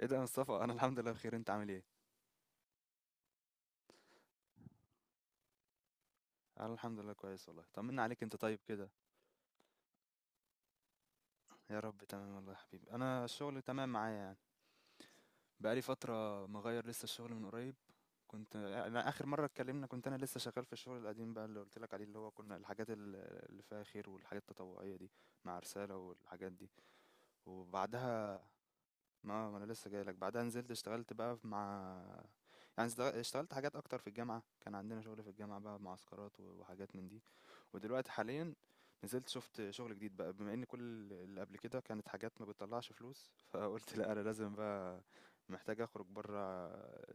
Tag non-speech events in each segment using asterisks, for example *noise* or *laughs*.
ايه ده يا مصطفى، انا الحمد لله بخير. انت عامل ايه؟ انا الحمد لله كويس والله. طمنا عليك، انت طيب كده؟ يا رب تمام والله يا حبيبي. انا الشغل تمام معايا يعني. بقالي فتره مغير لسه الشغل من قريب. كنت أنا اخر مره اتكلمنا كنت انا لسه شغال في الشغل القديم بقى اللي قلت لك عليه، اللي هو كنا الحاجات اللي فيها خير والحاجات التطوعيه دي، مع رساله والحاجات دي. وبعدها ما انا لسه جاي لك. بعدها نزلت اشتغلت بقى مع، يعني اشتغلت حاجات اكتر في الجامعه. كان عندنا شغل في الجامعه بقى، معسكرات وحاجات من دي. ودلوقتي حاليا نزلت شفت شغل جديد بقى، بما ان كل اللي قبل كده كانت حاجات ما بتطلعش فلوس. *laughs* فقلت لا، انا لازم بقى، محتاج اخرج بره،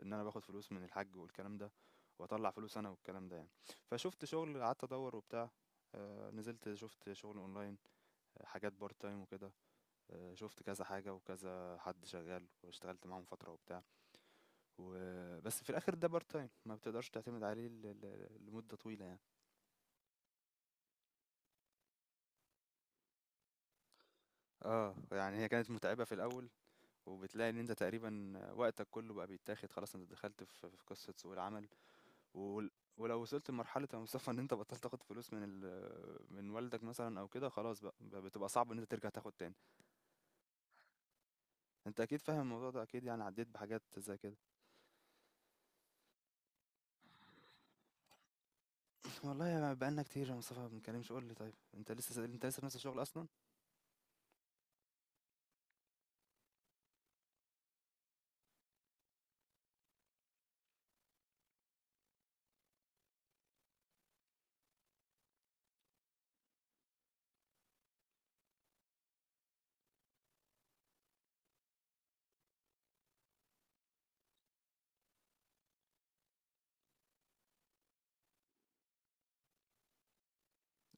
ان انا باخد فلوس من الحاج والكلام ده، واطلع فلوس انا والكلام ده يعني. فشفت شغل، قعدت ادور وبتاع. نزلت شفت شغل اونلاين، حاجات بارت تايم وكده. شفت كذا حاجة وكذا حد شغال واشتغلت معاهم فترة وبتاع و... بس في الآخر ده بارت تايم، ما بتقدرش تعتمد عليه لمدة طويلة يعني. اه يعني هي كانت متعبة في الأول، وبتلاقي ان انت تقريبا وقتك كله بقى بيتاخد خلاص، انت دخلت في قصة سوق العمل و... ولو وصلت لمرحلة يا مصطفى ان انت بطلت تاخد فلوس من والدك مثلا او كده، خلاص بقى بتبقى صعب ان انت ترجع تاخد تاني. انت اكيد فاهم الموضوع ده اكيد، يعني عديت بحاجات زي كده. والله يا، بقالنا كتير يا مصطفى ما بنتكلمش، قول لي طيب، انت لسه، انت لسه في نفس الشغل اصلا؟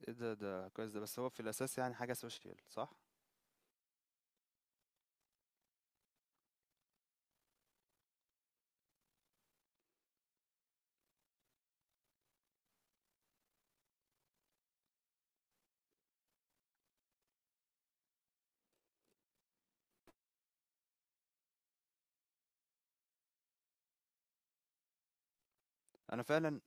ايه ده، ده كويس ده. بس هو في الاساس يعني حاجه سوشيال صح؟ انا فعلا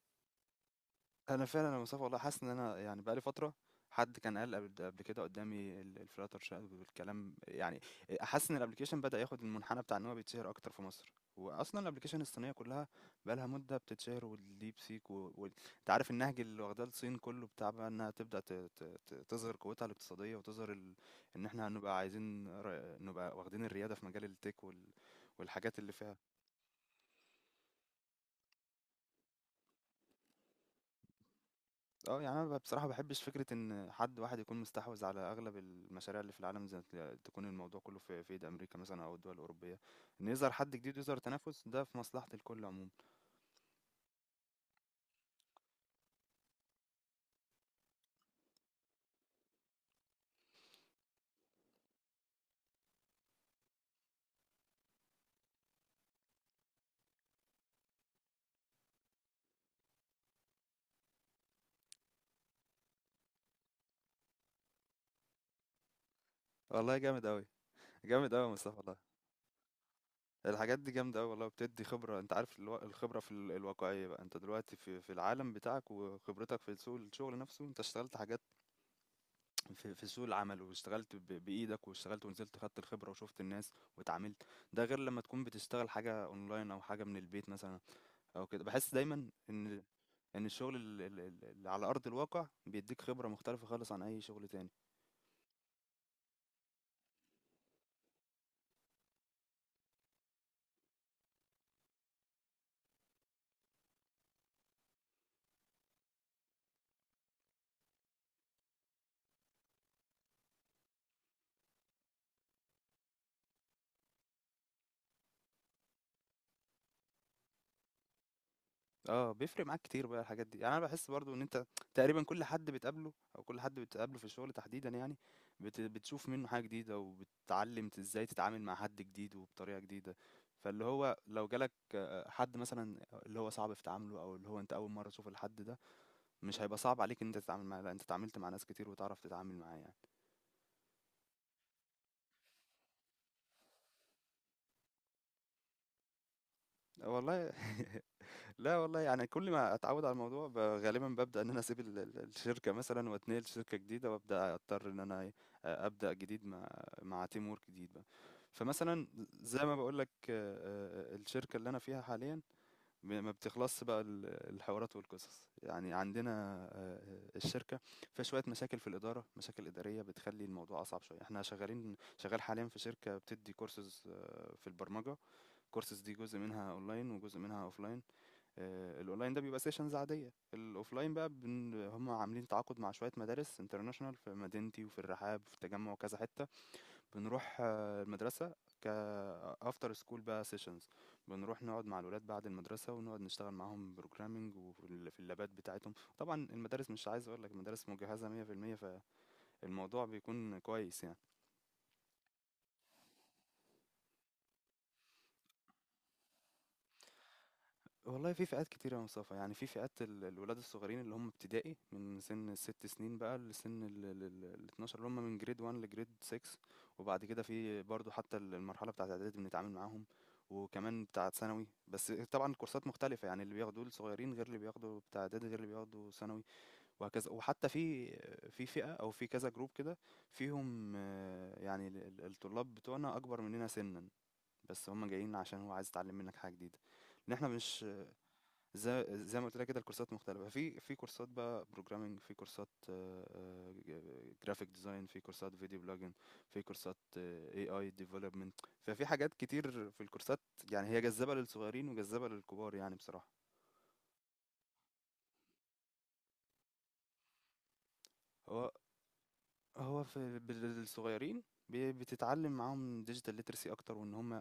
أنا فعلًا يا مصطفى والله حاسس إن أنا يعني بقى لي فترة، حد كان قال قبل كده قدّامي الflutter shell والكلام يعني. حاسس إن الapplication بدأ ياخد المنحنى بتاع إن هو بيتشهر أكتر في مصر، وأصلًا الapplication الصينية كلّها بقى لها مدة بتتشهر، والdeep seek أنت عارف النهج اللي واخداه الصين كلّه، بتاع بقى إنها تبدأ ت ت ت تظهر قوتها الاقتصادية وتظهر إن إحنا هنبقى عايزين نبقى واخدين الريادة في مجال الtech والحاجات اللي فيها. يعني أنا بصراحة ما باحبش فكرة إن حد واحد يكون مستحوذ على أغلب المشاريع اللي في العالم، زي تكون الموضوع كلّه في إيد أمريكا مثلًا، أو الدول الأوروبية. إن يظهر حد جديد ويظهر تنافس ده في مصلحة الكل عمومًا. والله جامد أوي، جامد أوي يا مصطفى والله. الحاجات دي جامدة أوي والله وبتدّي خبرة. أنت عارف الخبرة في الواقعية بقى، أنت دلوقتي في العالم بتاعك، وخبرتك في سوق الشغل نفسه، أنت اشتغلت حاجات في سوق العمل، واشتغلت بإيدك، واشتغلت ونزلت خدت الخبرة وشُفت الناس واتعاملت. ده غير لمّا تكون بتشتغل حاجة أونلاين أو حاجة من البيت مثلًا او كده. بحس دايما ان ان الشغل اللي على ارض الواقع بيديك خبره مختلفه خالص عن اي شغل تاني. اه بيفرق معاك كتير بقى الحاجات دي يعني. انا بحس برضو ان انت تقريبا كل حد بتقابله، او كل حد بتقابله في الشغل تحديدا يعني، بتشوف منه حاجه جديده، وبتتعلم ازاي تتعامل مع حد جديد وبطريقه جديده. فاللي هو لو جالك حد مثلا اللي هو صعب في تعامله، او اللي هو انت اول مره تشوف الحد ده، مش هيبقى صعب عليك ان انت تتعامل معاه. لا، انت اتعاملت مع ناس كتير وتعرف تتعامل معاه يعني. آه والله. *laughs* لا والله، يعني كل ما اتعود على الموضوع غالبا ببدا ان انا اسيب الشركه مثلا، واتنقل شركه جديده، وابدا اضطر ان انا ابدا جديد مع مع تيم وورك جديد بقى. فمثلا زي ما بقول لك الشركه اللي انا فيها حاليا، ما بتخلصش بقى الحوارات والقصص يعني. عندنا آه، الشركه فيها شويه مشاكل في الاداره، مشاكل اداريه بتخلي الموضوع اصعب شويه. احنا شغال حاليا في شركه بتدي كورسز في البرمجه. كورسز دي جزء منها اونلاين وجزء منها اوفلاين. الاونلاين ده بيبقى سيشنز عاديه. الاوفلاين بقى هم عاملين تعاقد مع شويه مدارس انترناشونال في مدينتي وفي الرحاب وفي التجمع وكذا حته. بنروح المدرسه ك افتر سكول بقى سيشنز. بنروح نقعد مع الولاد بعد المدرسه، ونقعد نشتغل معاهم بروجرامنج، وفي في اللابات بتاعتهم. طبعا المدارس، مش عايز اقول لك، المدارس مجهزه 100%، فالموضوع بيكون كويس يعني. والله في فئات كتيرة يا مصطفى، يعني في فئات الولاد الصغيرين اللي هم ابتدائي، من سن ال6 سنين بقى لسن 12، اللي هم من جريد 1 لجريد 6. وبعد كده في برضو حتى المرحلة بتاعة اعدادي بنتعامل معاهم، وكمان بتاعة ثانوي. بس طبعا الكورسات مختلفة، يعني اللي بياخدوه الصغيرين غير اللي بياخدوا بتاع اعدادي، غير اللي بياخدوا ثانوي، وهكذا. وحتى في في فئة او في كذا جروب كده فيهم، يعني الطلاب بتوعنا اكبر مننا سنا، بس هم جايين عشان هو عايز يتعلم منك حاجة جديدة. ان احنا مش، زي ما قلت لك كده الكورسات مختلفة، في في كورسات بقى بروجرامنج، في كورسات جرافيك ديزاين، في كورسات فيديو بلوجن، في كورسات اي اي ديفلوبمنت. ففي حاجات كتير في الكورسات، يعني هي جذابة للصغيرين وجذابة للكبار يعني بصراحة. هو هو في الصغيرين بتتعلم معاهم ديجيتال ليترسي اكتر، وان هم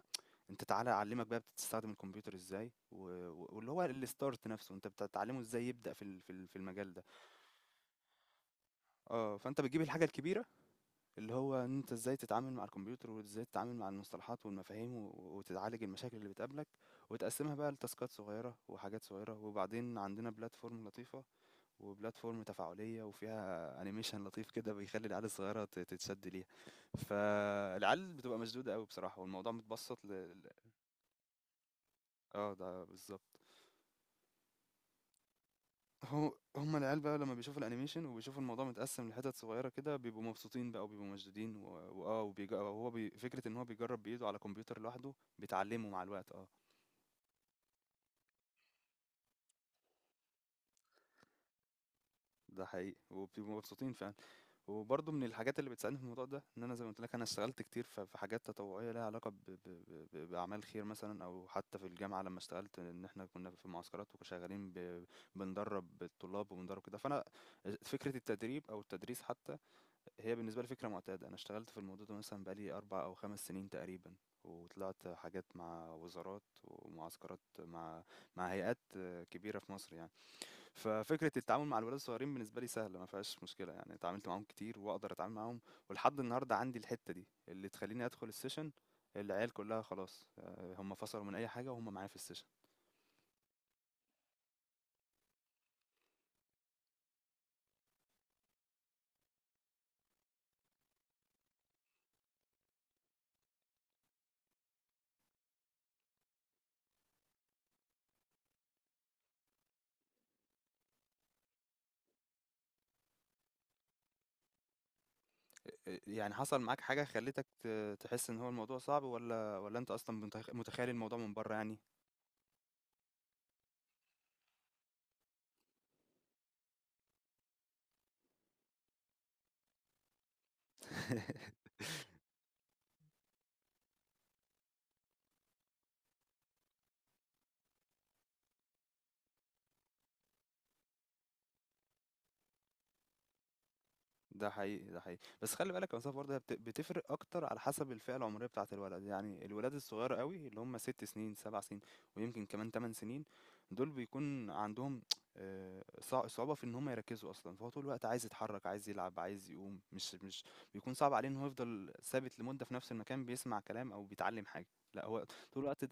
انت تعالى اعلمك بقى بتستخدم الكمبيوتر ازاي، واللي هو الستارت نفسه انت بتتعلمه ازاي يبدأ في المجال ده. اه فانت بتجيب الحاجة الكبيرة، اللي هو إن أنت إزاي تتعامل مع الكمبيوتر، وإزاي تتعامل مع المصطلحات والمفاهيم، وتتعالج المشاكل اللي بتقابلك، وتقسمها بقى لتاسكات صغيرة وحاجات صغيرة. وبعدين عندنا بلاتفورم لطيفة، وبلاتفورم تفاعلية، وفيها انيميشن لطيف كده بيخلي العيال الصغيرة تتشد ليها. فالعيال بتبقى مشدودة قوي بصراحة، والموضوع متبسط اه ده بالظبط. هو هم العيال بقى لمّا بيشوفوا الأنيميشن، وبيشوفوا الموضوع متقسّم لحتت صغيّرة كده، بيبقوا مبسوطين بقى وبيبقوا مشدودين وبيج هو بي فكرة إن هو بيجرّب بإيده على كمبيوتر لوحده، بيتعلّموا مع الوقت ده حقيقي، وبيبقوا مبسوطين فعلًا. وبرضه من الحاجات اللي بتساعدني في الموضوع ده، إن أنا زي ما قُلت لك أنا اشتغلت كتير في حاجات تطوعية ليها علاقة ب ب ب ب بأعمال خير مثلًا، أو حتى في الجامعة لمّا اشتغلت، إن إحنا كنا في معسكرات وشغالين بندرّب الطلاب، وبندرّب كده. فأنا فكرة التدريب أو التدريس حتى هي بالنسبة لي فكرة معتادة. أنا اشتغلت في الموضوع ده مثلا بقالي 4 أو 5 سنين تقريبا، وطلعت حاجات مع وزارات ومعسكرات مع مع هيئات كبيرة في مصر يعني. ففكرة التعامل مع الولاد الصغيرين بالنسبة لي سهلة، ما فيهاش مشكلة يعني. اتعاملت معاهم كتير وأقدر أتعامل معاهم، ولحد النهاردة عندي الحتة دي اللي تخليني أدخل السيشن، العيال كلها خلاص هم فصلوا من أي حاجة وهم معايا في السيشن. يعني حصل معاك حاجة خلتك تحس إن هو الموضوع صعب؟ ولا أنت أصلا متخيل الموضوع من بره يعني؟ *laughs* ده حقيقي، ده حقيقي. بس خلّي بالك المسافة برضه هي بتفرق أكتر على حسب الفئة العمرية بتاعة الولد. يعني الولاد الصغيّر أوي اللي هم 6 سنين، 7 سنين، ويمكن كمان 8 سنين، دول بيكون عندهم صع صعوبة في إن هم يركّزوا أصلًا. فهو طول الوقت عايز يتحرّك، عايز يلعب، عايز يقوم، مش بيكون صعب عليه إن هو يفضل ثابت لمدة في نفس المكان بيسمع كلام أو بيتعلّم حاجة. لأ هو طول الوقت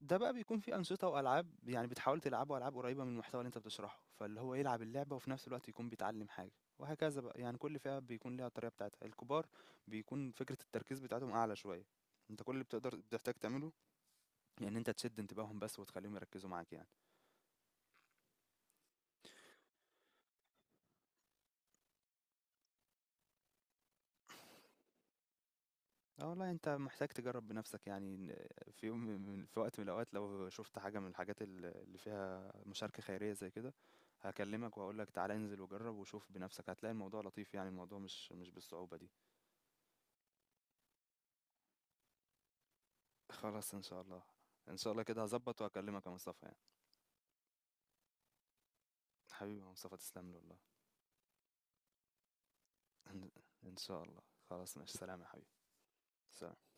ده بقى بيكون في أنشطة وألعاب، يعني بتحاول تلعبه ألعاب قريبة من المحتوى اللي أنت بتشرحه، فاللي هو يلعب اللعبة وفي نفس الوقت يكون بيتعلم حاجة، وهكذا بقى. يعني كل فئة بيكون ليها الطريقة بتاعتها. الكبار بيكون فكرة التركيز بتاعتهم أعلى شوية، أنت كل اللي بتحتاج تعمله يعني أنت تشد انتباههم بس وتخليهم يركزوا معاك يعني. اه والله أنت محتاج تجرب بنفسك يعني، إن في وقت من الأوقات لو شفت حاجة من الحاجات اللي فيها مشاركة خيرية زي كده، هكلمك وهقول لك تعالى انزل وجرب وشوف بنفسك، هتلاقي الموضوع لطيف يعني، الموضوع مش بالصعوبة دي. خلاص ان شاء الله. ان شاء الله كده هظبط واكلمك يا مصطفى يعني. حبيبي يا مصطفى تسلم لي والله. *laughs* ان إن شاء الله. خلاص ماشي، سلام يا حبيبي. سلام.